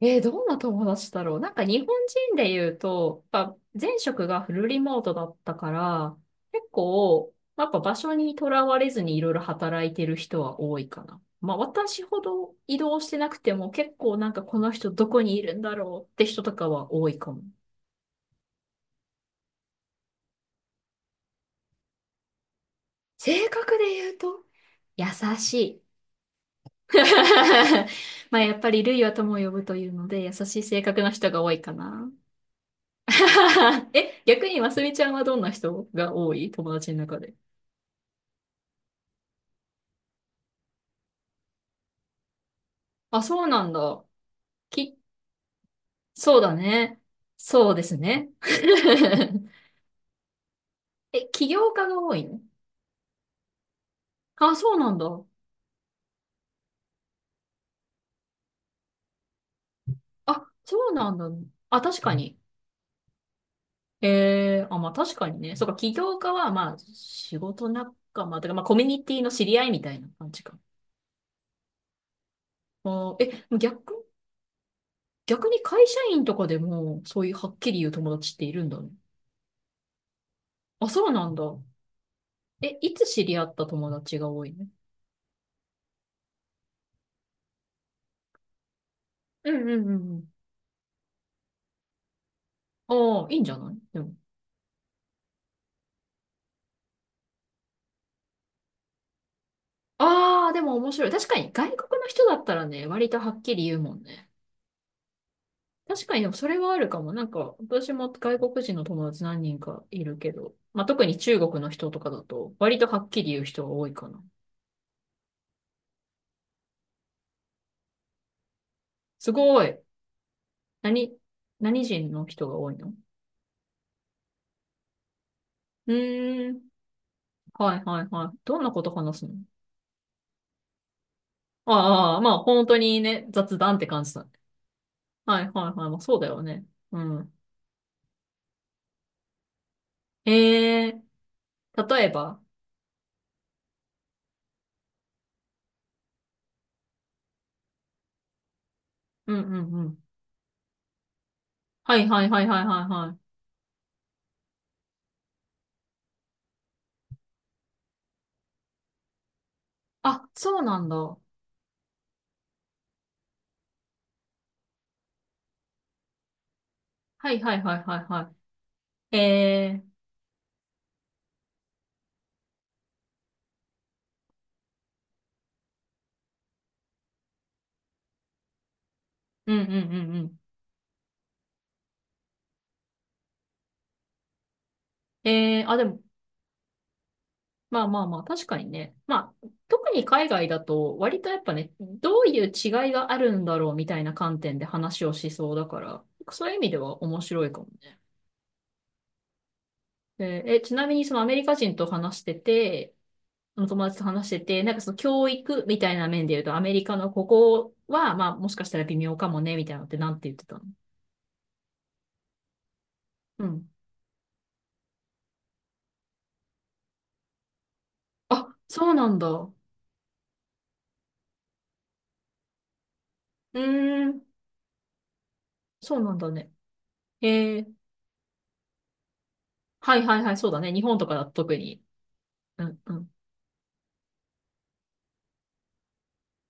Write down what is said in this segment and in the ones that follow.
どんな友達だろう。なんか日本人で言うと、やっぱ前職がフルリモートだったから、結構、やっぱ場所にとらわれずにいろいろ働いてる人は多いかな。まあ私ほど移動してなくても結構なんかこの人どこにいるんだろうって人とかは多いかも。性格で言うと、優しい。まあやっぱりルイは友を呼ぶというので優しい性格の人が多いかな。え、逆にますみちゃんはどんな人が多い友達の中で。あ、そうなんだ。き、そうだね。そうですね。え、起業家が多いの？あ、そうなんだ。あ、そうなんだ。あ、確かに。えー、あ、まあ確かにね。そうか、起業家は、まあ、仕事仲間とか、まあコミュニティの知り合いみたいな感じか。あー、え、逆に会社員とかでも、そういうはっきり言う友達っているんだね。あ、そうなんだ。え、いつ知り合った友達が多いの？うんうんうんうん。ああ、いいんじゃないでも。ああ、でも面白い。確かに外国の人だったらね、割とはっきり言うもんね。確かに、でもそれはあるかも。なんか、私も外国人の友達何人かいるけど、まあ、特に中国の人とかだと、割とはっきり言う人が多いかな。すごい。何、何人の人が多いの？うーん。はいはいはい。どんなこと話すの？ああ、まあ本当にね、雑談って感じだね。はいはいはい。まあそうだよね。うん。ええ例えば。うんうんうん。はいはいはいはいはいはい。あ、そうなんだ。はいはいはいはいはい。ええ。うんうんうんうん。ええあ、でも、まあまあまあ、確かにね。まあ、特に海外だと、割とやっぱね、どういう違いがあるんだろうみたいな観点で話をしそうだから、そういう意味では面白いかもね。えーえ、ちなみにそのアメリカ人と話してて、の友達と話してて、なんかその教育みたいな面で言うと、アメリカのここは、まあもしかしたら微妙かもね、みたいなのってなんて言ってたの？うん。あ、そうなんだ。うーん、そうなんだね。えー、はいはいはい、そうだね。日本とかだと特に。うんうん。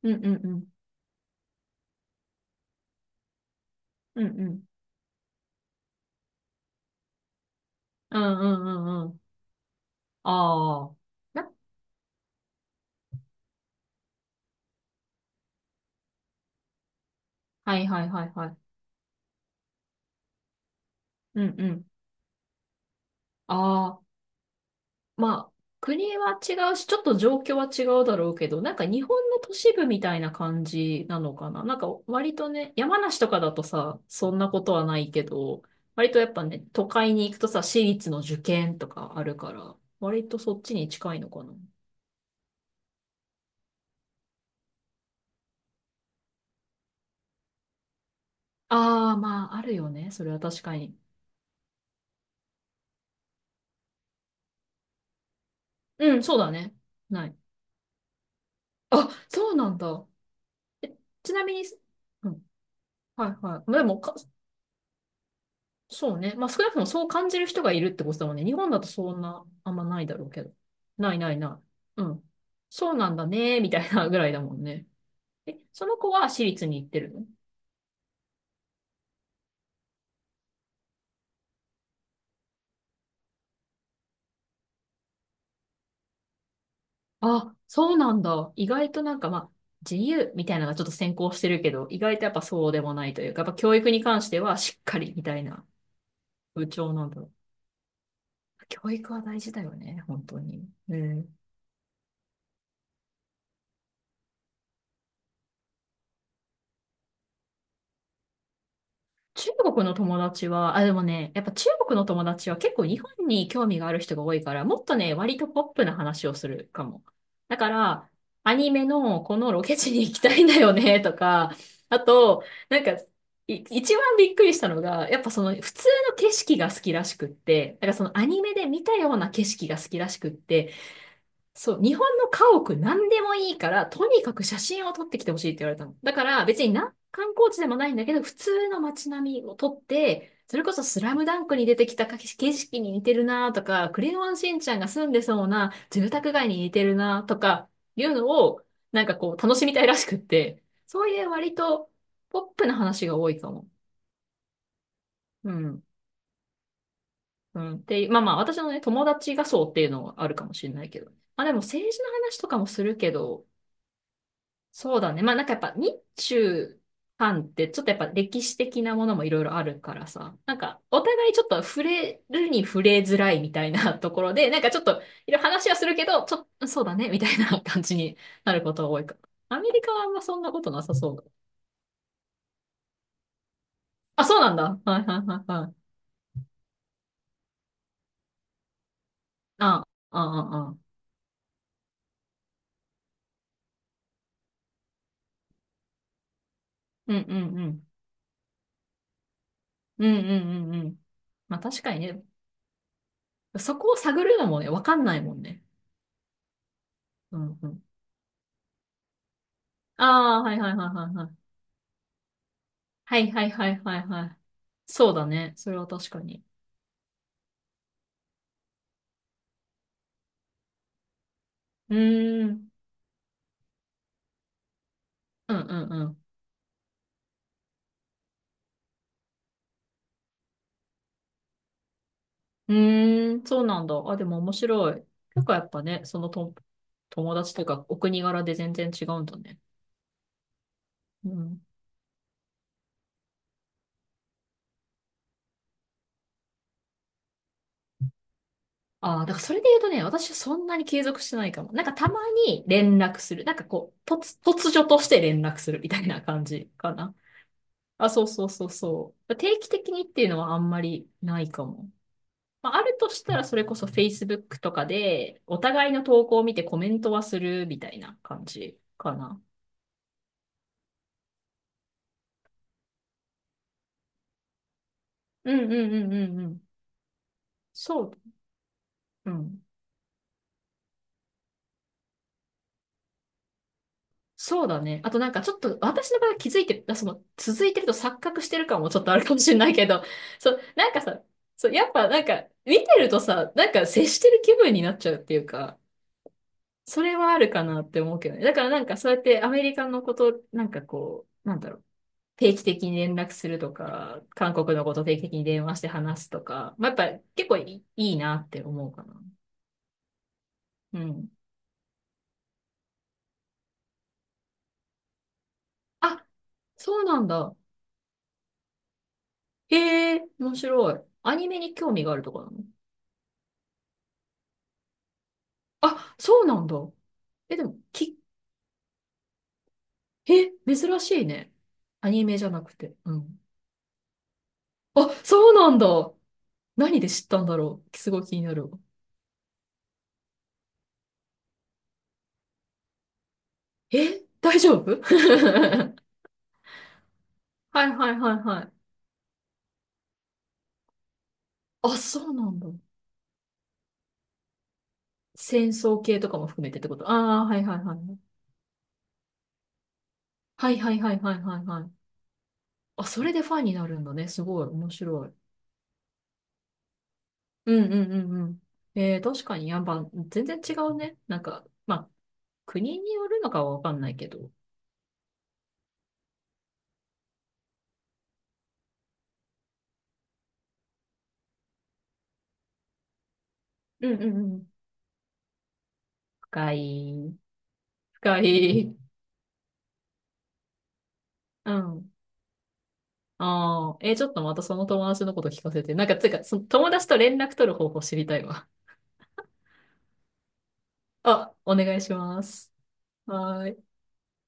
うんうんうん。うんうん。うんうんうんうん。ああ。なはいはいはいはい。うんうん。ああ。まあ、国は違うし、ちょっと状況は違うだろうけど、なんか日本の都市部みたいな感じなのかな。なんか割とね、山梨とかだとさ、そんなことはないけど、割とやっぱね、都会に行くとさ、私立の受験とかあるから、割とそっちに近いのかな。ああ、まあ、あるよね。それは確かに。うん、そうだね。ない。あ、そうなんだ。え、ちなみに、うん、はいはい。まあでもかそうね。まあ少なくともそう感じる人がいるってことだもんね。日本だとそんな、あんまないだろうけど。ないないない。うん。そうなんだね、みたいなぐらいだもんね。え、その子は私立に行ってるの？あ、そうなんだ。意外となんかまあ、自由みたいなのがちょっと先行してるけど、意外とやっぱそうでもないというか、やっぱ教育に関してはしっかりみたいな部長なんだろう。教育は大事だよね、本当に。うん。中国の友達は、あ、でもね、やっぱ中国の友達は結構日本に興味がある人が多いから、もっとね、割とポップな話をするかも。だから、アニメのこのロケ地に行きたいんだよね、とか、あと、なんか、一番びっくりしたのが、やっぱその普通の景色が好きらしくって、だからそのアニメで見たような景色が好きらしくって、そう、日本の家屋何でもいいから、とにかく写真を撮ってきてほしいって言われたの。だから別にな、観光地でもないんだけど、普通の街並みを撮って、それこそスラムダンクに出てきた景色に似てるなとか、クレヨンしんちゃんが住んでそうな住宅街に似てるなとか、いうのを、なんかこう、楽しみたいらしくって、そういう割とポップな話が多いかも。うん。うん。で、まあまあ、私のね、友達がそうっていうのはあるかもしれないけど。まあでも政治の話とかもするけど、そうだね。まあなんかやっぱ日中韓ってちょっとやっぱ歴史的なものもいろいろあるからさ、なんかお互いちょっと触れるに触れづらいみたいな ところで、なんかちょっといろいろ話はするけど、ちょっとそうだねみたいな感じになることが多いから。アメリカはあんまそんなことなさそうだ。あ、そうなんだ。はいはいはいはい。あ、あ、あ、あ。うんうんうん。うんうんうんうん。まあ確かにね、そこを探るのもね、わかんないもんね。うんうん。ああ、はいはいはいはいはい。はいはいはいはいはい。そうだね。それは確かに。うーん。うんうんうん。うーん。そうなんだ。あ、でも面白い。結構やっぱね、そのと友達とかお国柄で全然違うんだね。うん。ああ、だからそれで言うとね、私はそんなに継続してないかも。なんかたまに連絡する。なんかこう、突如として連絡するみたいな感じかな。あ、そうそうそうそう。定期的にっていうのはあんまりないかも。まあ、あるとしたら、それこそ Facebook とかで、お互いの投稿を見てコメントはするみたいな感じかな。うんうんうんうんうん。そう、うん。そうだね。あとなんかちょっと私の場合は気づいて、その続いてると錯覚してる感もちょっとあるかもしれないけど、そう、なんかさ、そう、やっぱなんか見てるとさ、なんか接してる気分になっちゃうっていうか、それはあるかなって思うけどね。だからなんかそうやってアメリカのこと、なんかこう、なんだろう。定期的に連絡するとか、韓国のこと定期的に電話して話すとか、まあ、やっぱ結構いいなって思うかな。うん。あ、そうなんだ。へえ、面白い。アニメに興味があるとかなの？あ、そうなんだ。え、でも、き、え、珍しいね。アニメじゃなくて。うん。あ、そうなんだ。何で知ったんだろう。すごい気になるわ。え、大丈夫？ はいはいはいはい。あ、そうなんだ。戦争系とかも含めてってこと？ああ、はいはいはい。はいはいはいはいはいはい。あ、それでファンになるんだね。すごい、面白い。うんうんうんうん。えー、確かに、やっぱ、全然違うね。なんか、まあ、国によるのかはわかんないけど。うんうんうん。深い。深い。うん。ああ、えー、ちょっとまたその友達のこと聞かせて。なんか、てか、その友達と連絡取る方法知りたいわ。あ、お願いします。はーい。